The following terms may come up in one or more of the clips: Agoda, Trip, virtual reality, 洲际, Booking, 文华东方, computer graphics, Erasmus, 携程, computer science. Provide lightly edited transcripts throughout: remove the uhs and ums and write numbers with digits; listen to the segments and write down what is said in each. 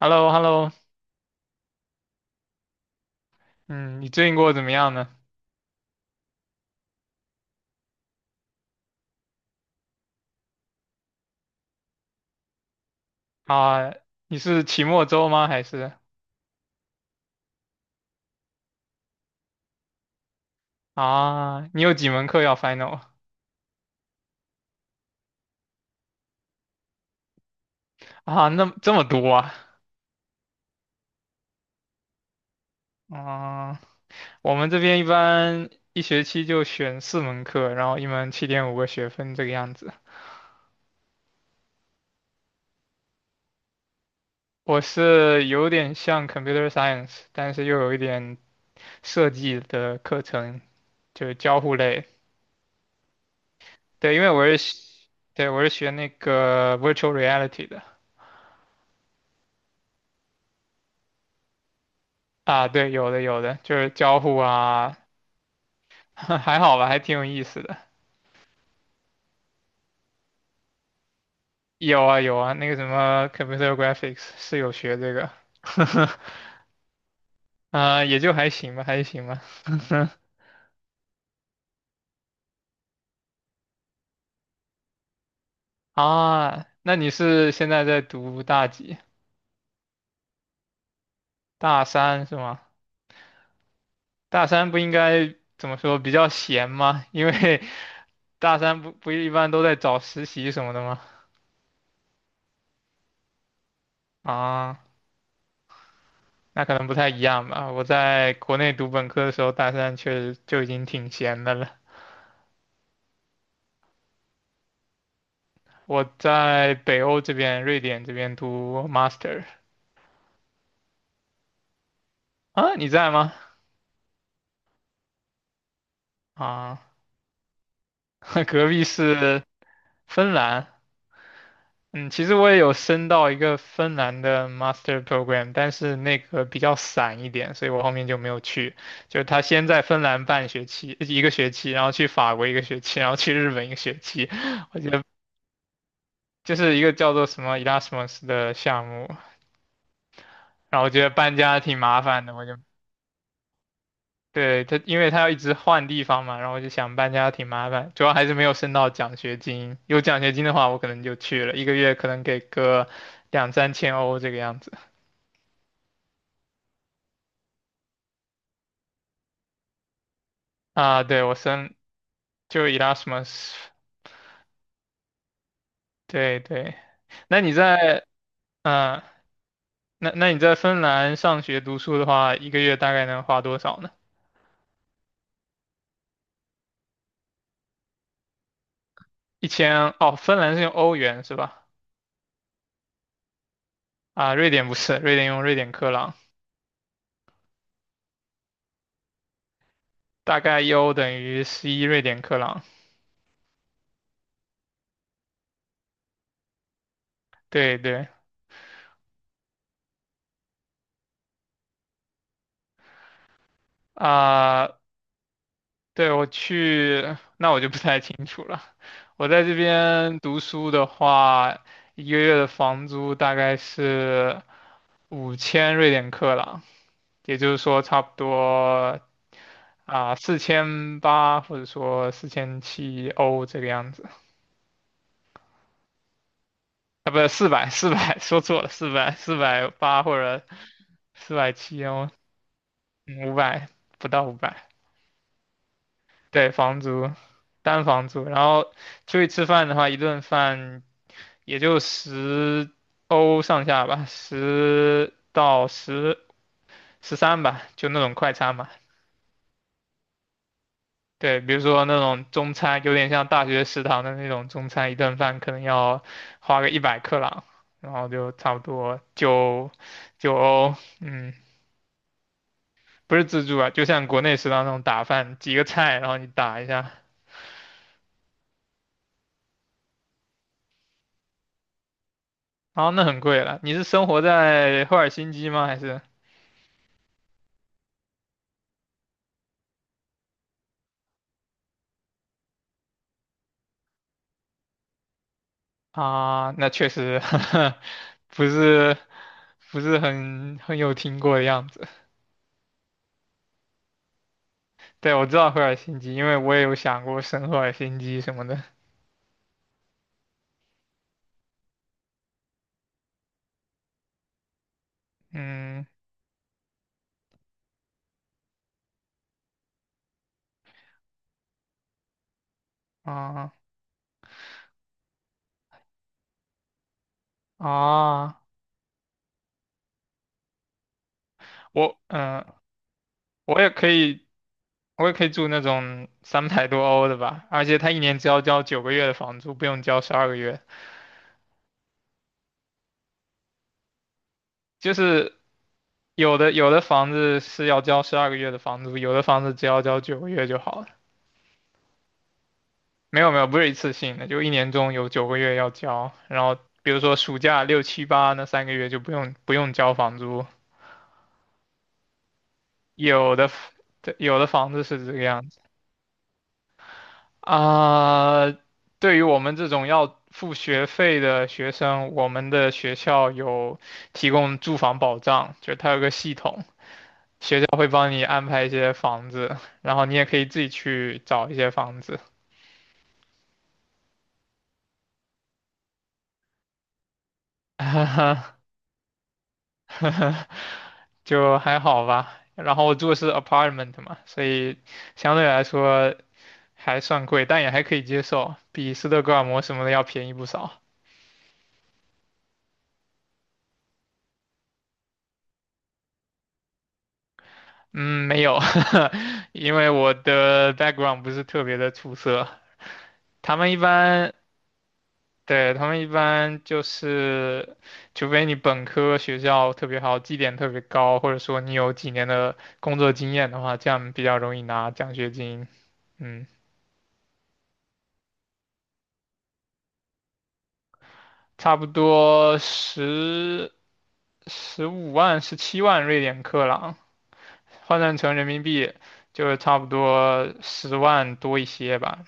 h e l l o h e l l o 嗯，你最近过得怎么样呢？啊，你是期末周吗？还是啊，你有几门课要 final？ 啊？那么这么多啊？啊，我们这边一般一学期就选四门课，然后一门7.5个学分这个样子。我是有点像 computer science，但是又有一点设计的课程，就是交互类。对，因为我是学对，我是学那个 virtual reality 的。啊，对，有的有的，就是交互啊，还好吧，还挺有意思的。有啊有啊，那个什么 computer graphics 是有学这个，也就还行吧，还行吧。啊，那你是现在在读大几？大三是吗？大三不应该怎么说比较闲吗？因为大三不一般都在找实习什么的吗？啊，那可能不太一样吧。我在国内读本科的时候，大三确实就已经挺闲的了。我在北欧这边，瑞典这边读 master。啊，你在吗？啊，隔壁是芬兰。嗯，其实我也有申到一个芬兰的 master program，但是那个比较散一点，所以我后面就没有去。就是他先在芬兰半学期，一个学期，然后去法国一个学期，然后去日本一个学期。我觉得就是一个叫做什么 Erasmus 的项目，然后我觉得搬家挺麻烦的，对，因为他要一直换地方嘛，然后我就想搬家挺麻烦，主要还是没有升到奖学金。有奖学金的话，我可能就去了，一个月可能给个两三千欧这个样子。啊，对，就 Erasmus，对对。那你在，嗯、那你在芬兰上学读书的话，一个月大概能花多少呢？一千，哦，芬兰是用欧元是吧？啊，瑞典不是，瑞典用瑞典克朗，大概1欧等于11瑞典克朗。对对。啊、对，那我就不太清楚了。我在这边读书的话，一个月的房租大概是5000瑞典克朗，也就是说差不多4800或者说4700欧这个样子。啊，不是四百，四百说错了，四百八或者470欧，五百不到五百。对，房租，单房租，然后出去吃饭的话，一顿饭。也就10欧上下吧，十到十三吧，就那种快餐嘛。对，比如说那种中餐，有点像大学食堂的那种中餐，一顿饭可能要花个100克朗，然后就差不多九欧，嗯，不是自助啊，就像国内食堂那种打饭，几个菜，然后你打一下，然后那很贵了。你是生活在赫尔辛基吗？还是啊？那确实 不是。不是很有听过的样子。对，我知道赫尔辛基，因为我也有想过圣赫尔辛基什么的。嗯啊啊，我我也可以，我也可以住那种300多欧的吧，而且他一年只要交九个月的房租，不用交十二个月。就是有的房子是要交十二个月的房租，有的房子只要交九个月就好了。没有没有，不是一次性的，就一年中有九个月要交，然后比如说暑假六七八那3个月就不用交房租，有的 f- 对有的房子是这个样子啊。对于我们这种要付学费的学生，我们的学校有提供住房保障，就是它有个系统，学校会帮你安排一些房子，然后你也可以自己去找一些房子。就还好吧。然后我住的是 apartment 嘛，所以相对来说还算贵，但也还可以接受，比斯德哥尔摩什么的要便宜不少。嗯，没有，因为我的 background 不是特别的出色。他们一般，对，他们一般就是，除非你本科学校特别好，绩点特别高，或者说你有几年的工作经验的话，这样比较容易拿奖学金。嗯，差不多十五万、17万瑞典克朗，换算成人民币就差不多10万多一些吧。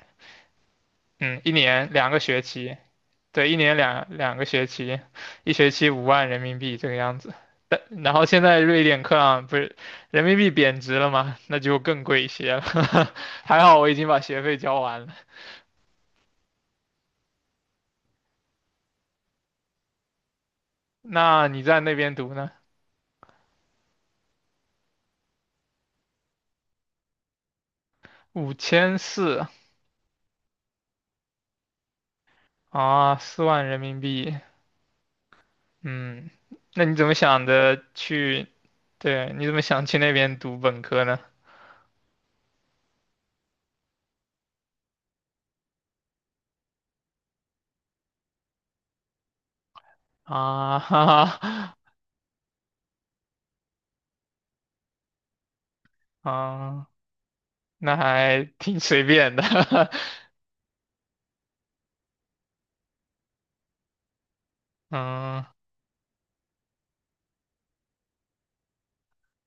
嗯，一年两个学期，对，一年两个学期，一学期5万人民币这个样子。但然后现在瑞典克朗不是人民币贬值了吗？那就更贵一些了。还好我已经把学费交完了。那你在那边读呢？5400啊，4万人民币。嗯，那你怎么想的去？对，你怎么想去那边读本科呢？啊哈哈，啊，那还挺随便的，嗯，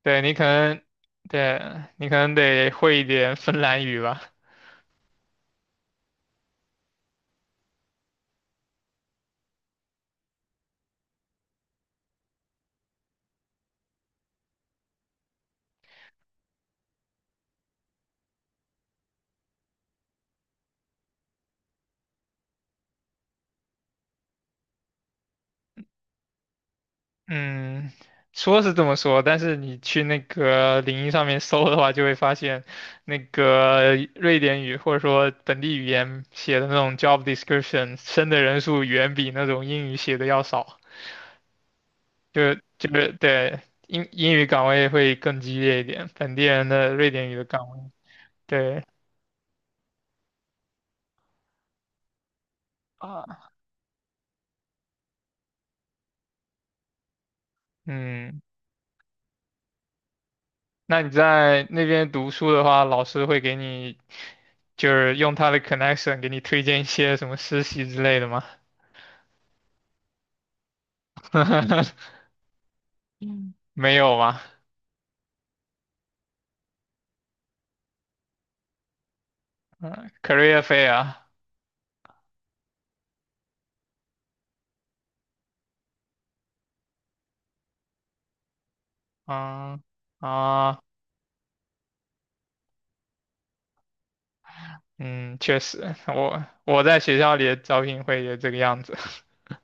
对你可能，对你可能得会一点芬兰语吧，嗯，说是这么说，但是你去那个领英上面搜的话，就会发现那个瑞典语或者说本地语言写的那种 job description，升的人数远比那种英语写的要少。就是对英语岗位会更激烈一点，本地人的瑞典语的岗位，对啊，嗯，那你在那边读书的话，老师会给你就是用他的 connection 给你推荐一些什么实习之类的吗？没有吗？嗯，career fair，嗯啊，嗯，确实，我在学校里的招聘会也这个样子，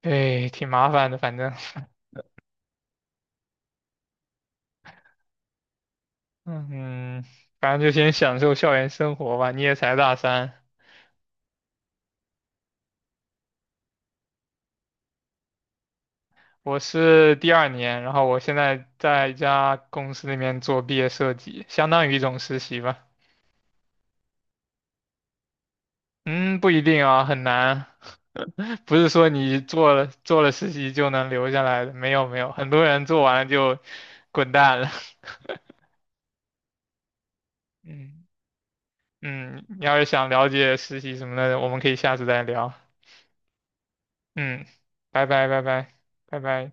对，挺麻烦的，反正。嗯，反正就先享受校园生活吧。你也才大三，我是第二年，然后我现在在一家公司里面做毕业设计，相当于一种实习吧。嗯，不一定啊，很难，不是说你做了实习就能留下来的，没有没有，很多人做完了就滚蛋了。嗯嗯，你要是想了解实习什么的，我们可以下次再聊。嗯，拜拜拜拜拜拜。